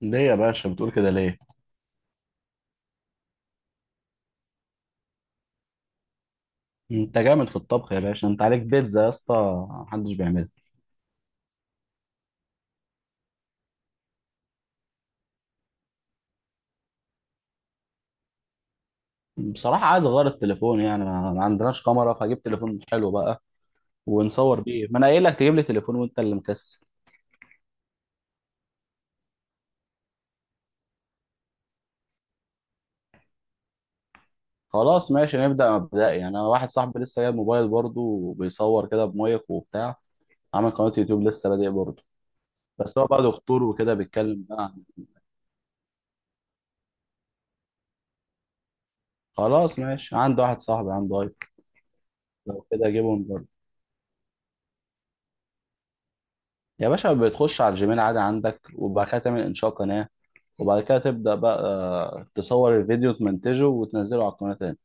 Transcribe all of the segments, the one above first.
ليه يا باشا بتقول كده ليه؟ انت جامد في الطبخ يا باشا، انت عليك بيتزا يا اسطى محدش بيعملها. بصراحة عايز اغير التليفون، يعني ما عندناش كاميرا، فاجيب تليفون حلو بقى ونصور بيه. ما انا قايل لك تجيب لي تليفون وانت اللي مكسل. خلاص ماشي، نبدأ مبدئي يعني. انا واحد صاحبي لسه جايب موبايل برضه وبيصور كده بمايك وبتاع، عامل قناة يوتيوب لسه بادئ برضه. بس هو بقى دكتور وكده بيتكلم بقى خلاص ماشي، عنده واحد صاحبي عنده ايفون. لو كده اجيبه من برضه. يا باشا بتخش على الجيميل عادي عندك، وبعد كده تعمل انشاء قناة، وبعد كده تبدأ بقى تصور الفيديو، تمنتجه وتنزله على القناة تاني.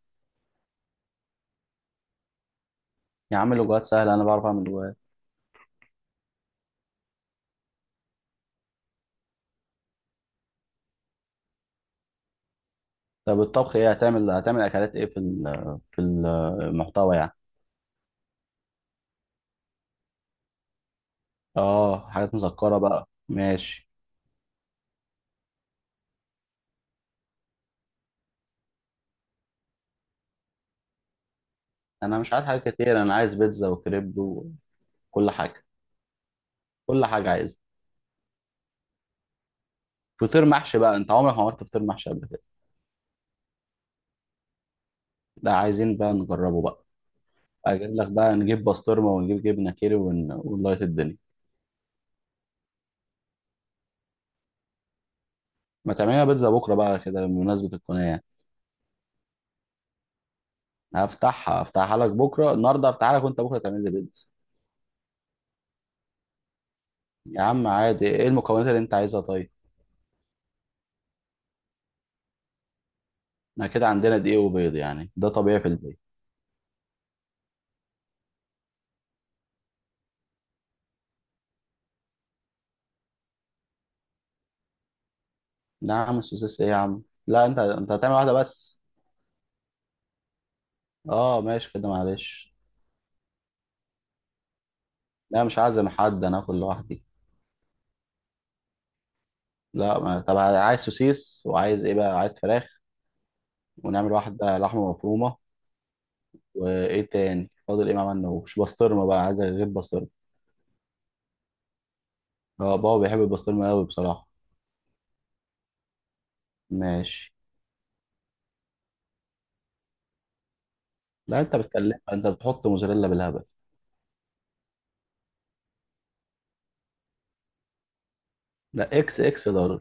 يا عم لغات سهلة، أنا بعرف أعمل لغات. طب الطبخ إيه هتعمل؟ هتعمل أكلات إيه في في المحتوى يعني؟ آه، حاجات مسكرة بقى، ماشي. أنا مش عايز حاجات كتير، أنا عايز بيتزا وكريب وكل حاجة، كل حاجة عايز. فطير محشي بقى، أنت عمرك ما عملت فطير محشي قبل كده. لا عايزين بقى نجربه بقى. أجيب لك بقى، نجيب بسطرمة ونجيب جبنة كيري ونلايت الدنيا. ما تعملنا بيتزا بكرة بقى كده بمناسبة القناة يعني. هفتحها، هفتحها لك بكره، النهارده هفتحها لك وانت بكره تعمل لي بيتزا. يا عم عادي، ايه المكونات اللي انت عايزها طيب؟ احنا كده عندنا دقيق وبيض يعني، ده طبيعي في البيت. لا يا عم، السوسيس ايه يا عم؟ لا انت، انت هتعمل واحده بس. اه ماشي كده، معلش. لا مش عازم حد، انا اكل لوحدي. لا ما... طب عايز سوسيس وعايز ايه بقى؟ عايز فراخ، ونعمل واحده لحمه مفرومه. وايه تاني فاضل؟ ايه ما عملناهوش؟ بسطرمه بقى، عايز غير بسطرمه. اه بابا بيحب البسطرمه قوي بصراحه. ماشي. لا انت بتكلم، انت بتحط موزاريلا بالهبل. لا اكس لارج.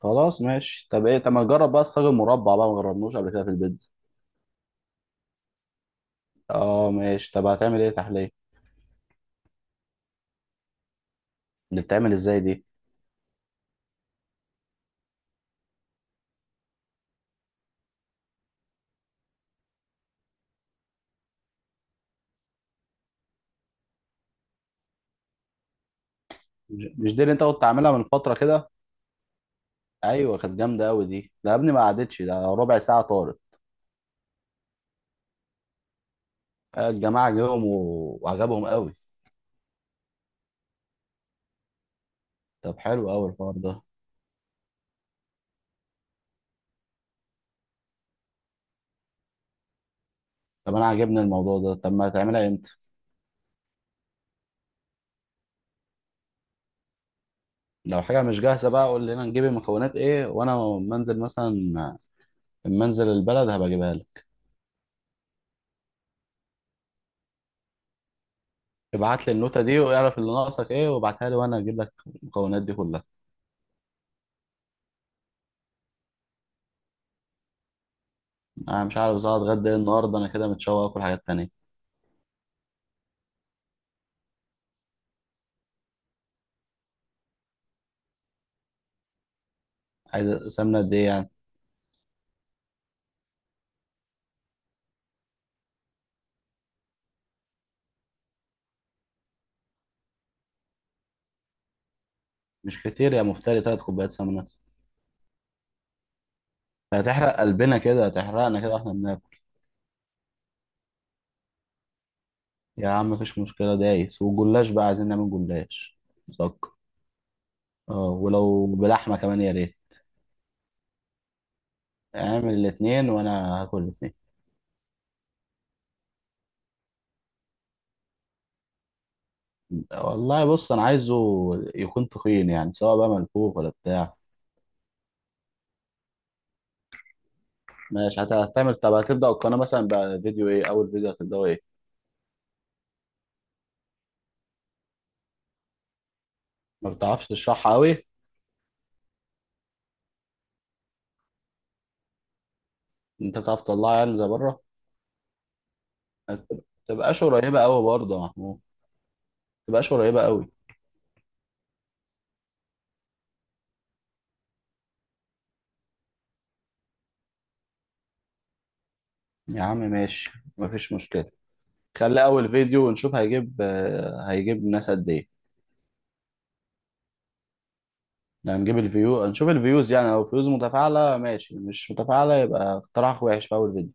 خلاص ماشي. طب ايه؟ طب ما نجرب بقى الصاج المربع بقى، ما جربناش قبل كده في البيتزا. اه ماشي، طب هتعمل ايه تحليه؟ اللي بتعمل ازاي دي؟ مش دي اللي انت كنت عاملها من فتره كده؟ ايوه كانت جامده قوي دي، ده يا ابني ما قعدتش ده ربع ساعه، طارت. آه، الجماعه جيهم وعجبهم قوي. طب حلو قوي الحوار ده. طب انا عاجبني الموضوع ده، طب ما هتعملها امتى؟ لو حاجه مش جاهزه بقى قول لي انا نجيب المكونات ايه، وانا منزل مثلا، منزل البلد هبقى اجيبها لك. ابعت لي النوتة دي واعرف اللي ناقصك ايه، وابعتها لي وانا اجيب لك المكونات دي كلها. انا مش عارف ازاي اتغدى إيه النهارده، انا كده متشوق اكل حاجات تانية. عايز سمنة قد ايه يعني؟ مش كتير يا مفتري، 3 كوبايات سمنة؟ هتحرق قلبنا كده، هتحرقنا كده واحنا بناكل. يا عم مفيش مشكلة، دايس. والجلاش بقى، عايزين نعمل جلاش. دق. اه ولو بلحمة كمان يا ريت. اعمل الاتنين وانا هاكل الاتنين. والله بص انا عايزه يكون تخين يعني، سواء بقى ملفوف ولا بتاع. ماشي، هتعمل، طب هتبدأ القناة مثلا بفيديو ايه؟ أول فيديو هتبدأه ايه؟ ما بتعرفش تشرحها أوي؟ أنت بتعرف تطلعها يعني زي بره؟ ما تبقاش قريبة أوي برضه يا محمود، ما تبقاش قريبة أوي. يا عم ماشي، مفيش مشكلة. خلي أول فيديو ونشوف هيجيب، آه، هيجيب ناس قد ايه. يعني هنجيب الفيو، هنشوف الفيوز يعني. لو الفيوز متفاعلة ماشي، مش متفاعلة يبقى اقتراح وحش في أول فيديو.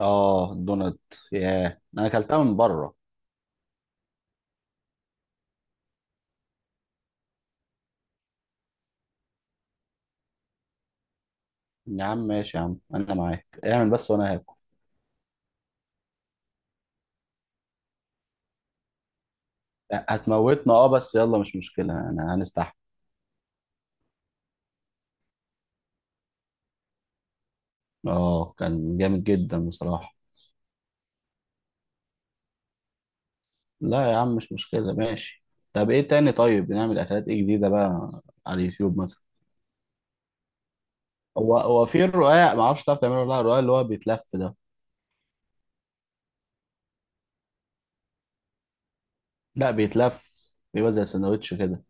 اه الدونات، ياه أنا أكلتها من بره. يا عم ماشي، يا عم أنا معاك، اعمل بس وأنا هاكل. هتموتنا اه، بس يلا مش مشكلة انا هنستحمل. اه كان جامد جدا بصراحة. لا يا عم مش مشكلة، ماشي. طب ايه تاني طيب؟ بنعمل اكلات ايه جديدة بقى على اليوتيوب مثلا؟ هو في الرقاق، ما اعرفش تعرف تعمله ولا لا؟ الرقاق اللي هو بيتلف ده. لا بيتلف، بيبقى زي سندوتش كده.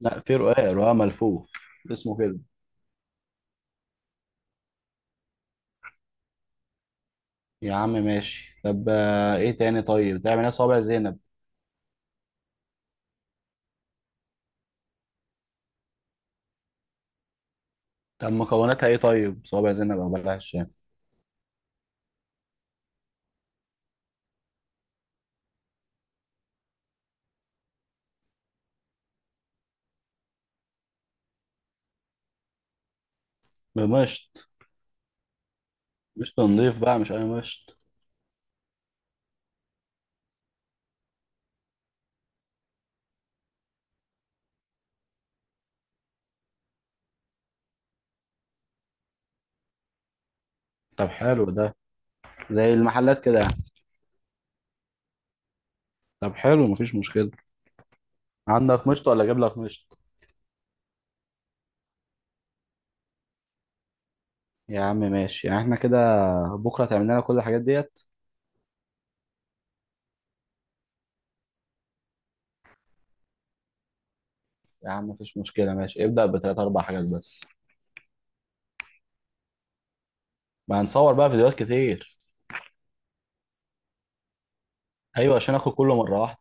لا في رقاق، رقاق ملفوف، اسمه كده. يا عم ماشي، طب آه، ايه تاني طيب؟ تعمل ايه؟ صوابع زينب؟ طب مكوناتها ايه طيب؟ صوابع زينب او بلح الشام. بمشط. مشط نضيف بقى مش اي مشط. طب حلو ده، زي المحلات كده يعني. طب حلو، مفيش مشكلة. عندك مشط ولا اجيب لك مشط؟ يا عم ماشي، يعني احنا كده بكرة تعمل لنا كل الحاجات ديت؟ يا عم مفيش مشكلة، ماشي، ابدأ بتلات أربع حاجات بس. ما هنصور بقى فيديوهات كتير. أيوة، عشان آخد كله مرة واحدة.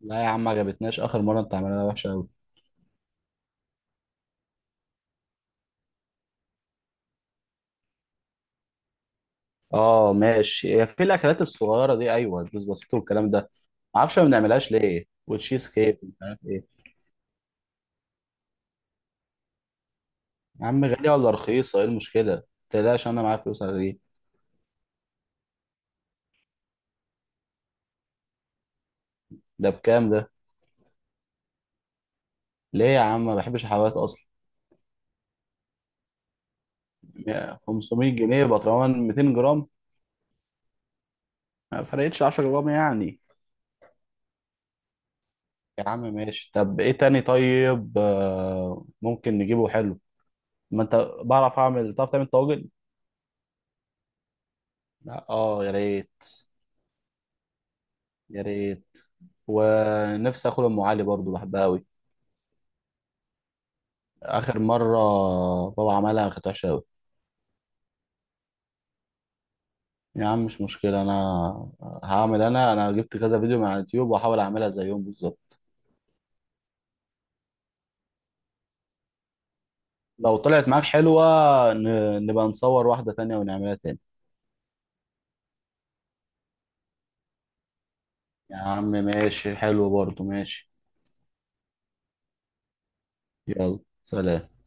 لا يا عم، ما عجبتناش آخر مرة، أنت عملها وحشة أوي. اه ماشي، هي في الأكلات الصغيرة دي أيوة، البيس بسيط والكلام ده. معرفش ما بنعملهاش ليه، وتشيز كيك مش عارف إيه. يا عم غالية ولا رخيصة إيه المشكلة؟ متقلقش أنا معايا فلوس، هجيب. ده بكام ده؟ ليه يا عم ما بحبش الحلويات أصلا؟ 500 جنيه بطرمان 200 جرام؟ ما فرقتش 10 جرام يعني. يا عم ماشي، طب ايه تاني طيب؟ آه، ممكن نجيبه حلو. ما انت بعرف اعمل، تعرف تعمل طواجن؟ لا اه يا ريت، يا ريت. ونفسي اكل ام علي برضو، بحبها قوي. اخر مره بابا عملها كانت وحشه قوي. يا عم مش مشكله، انا هعمل انا جبت كذا فيديو من على اليوتيوب واحاول اعملها زيهم بالظبط. لو طلعت معاك حلوه نبقى نصور واحده تانية ونعملها تاني. يا عم ماشي، حلو برضه، ماشي. يلا سلام.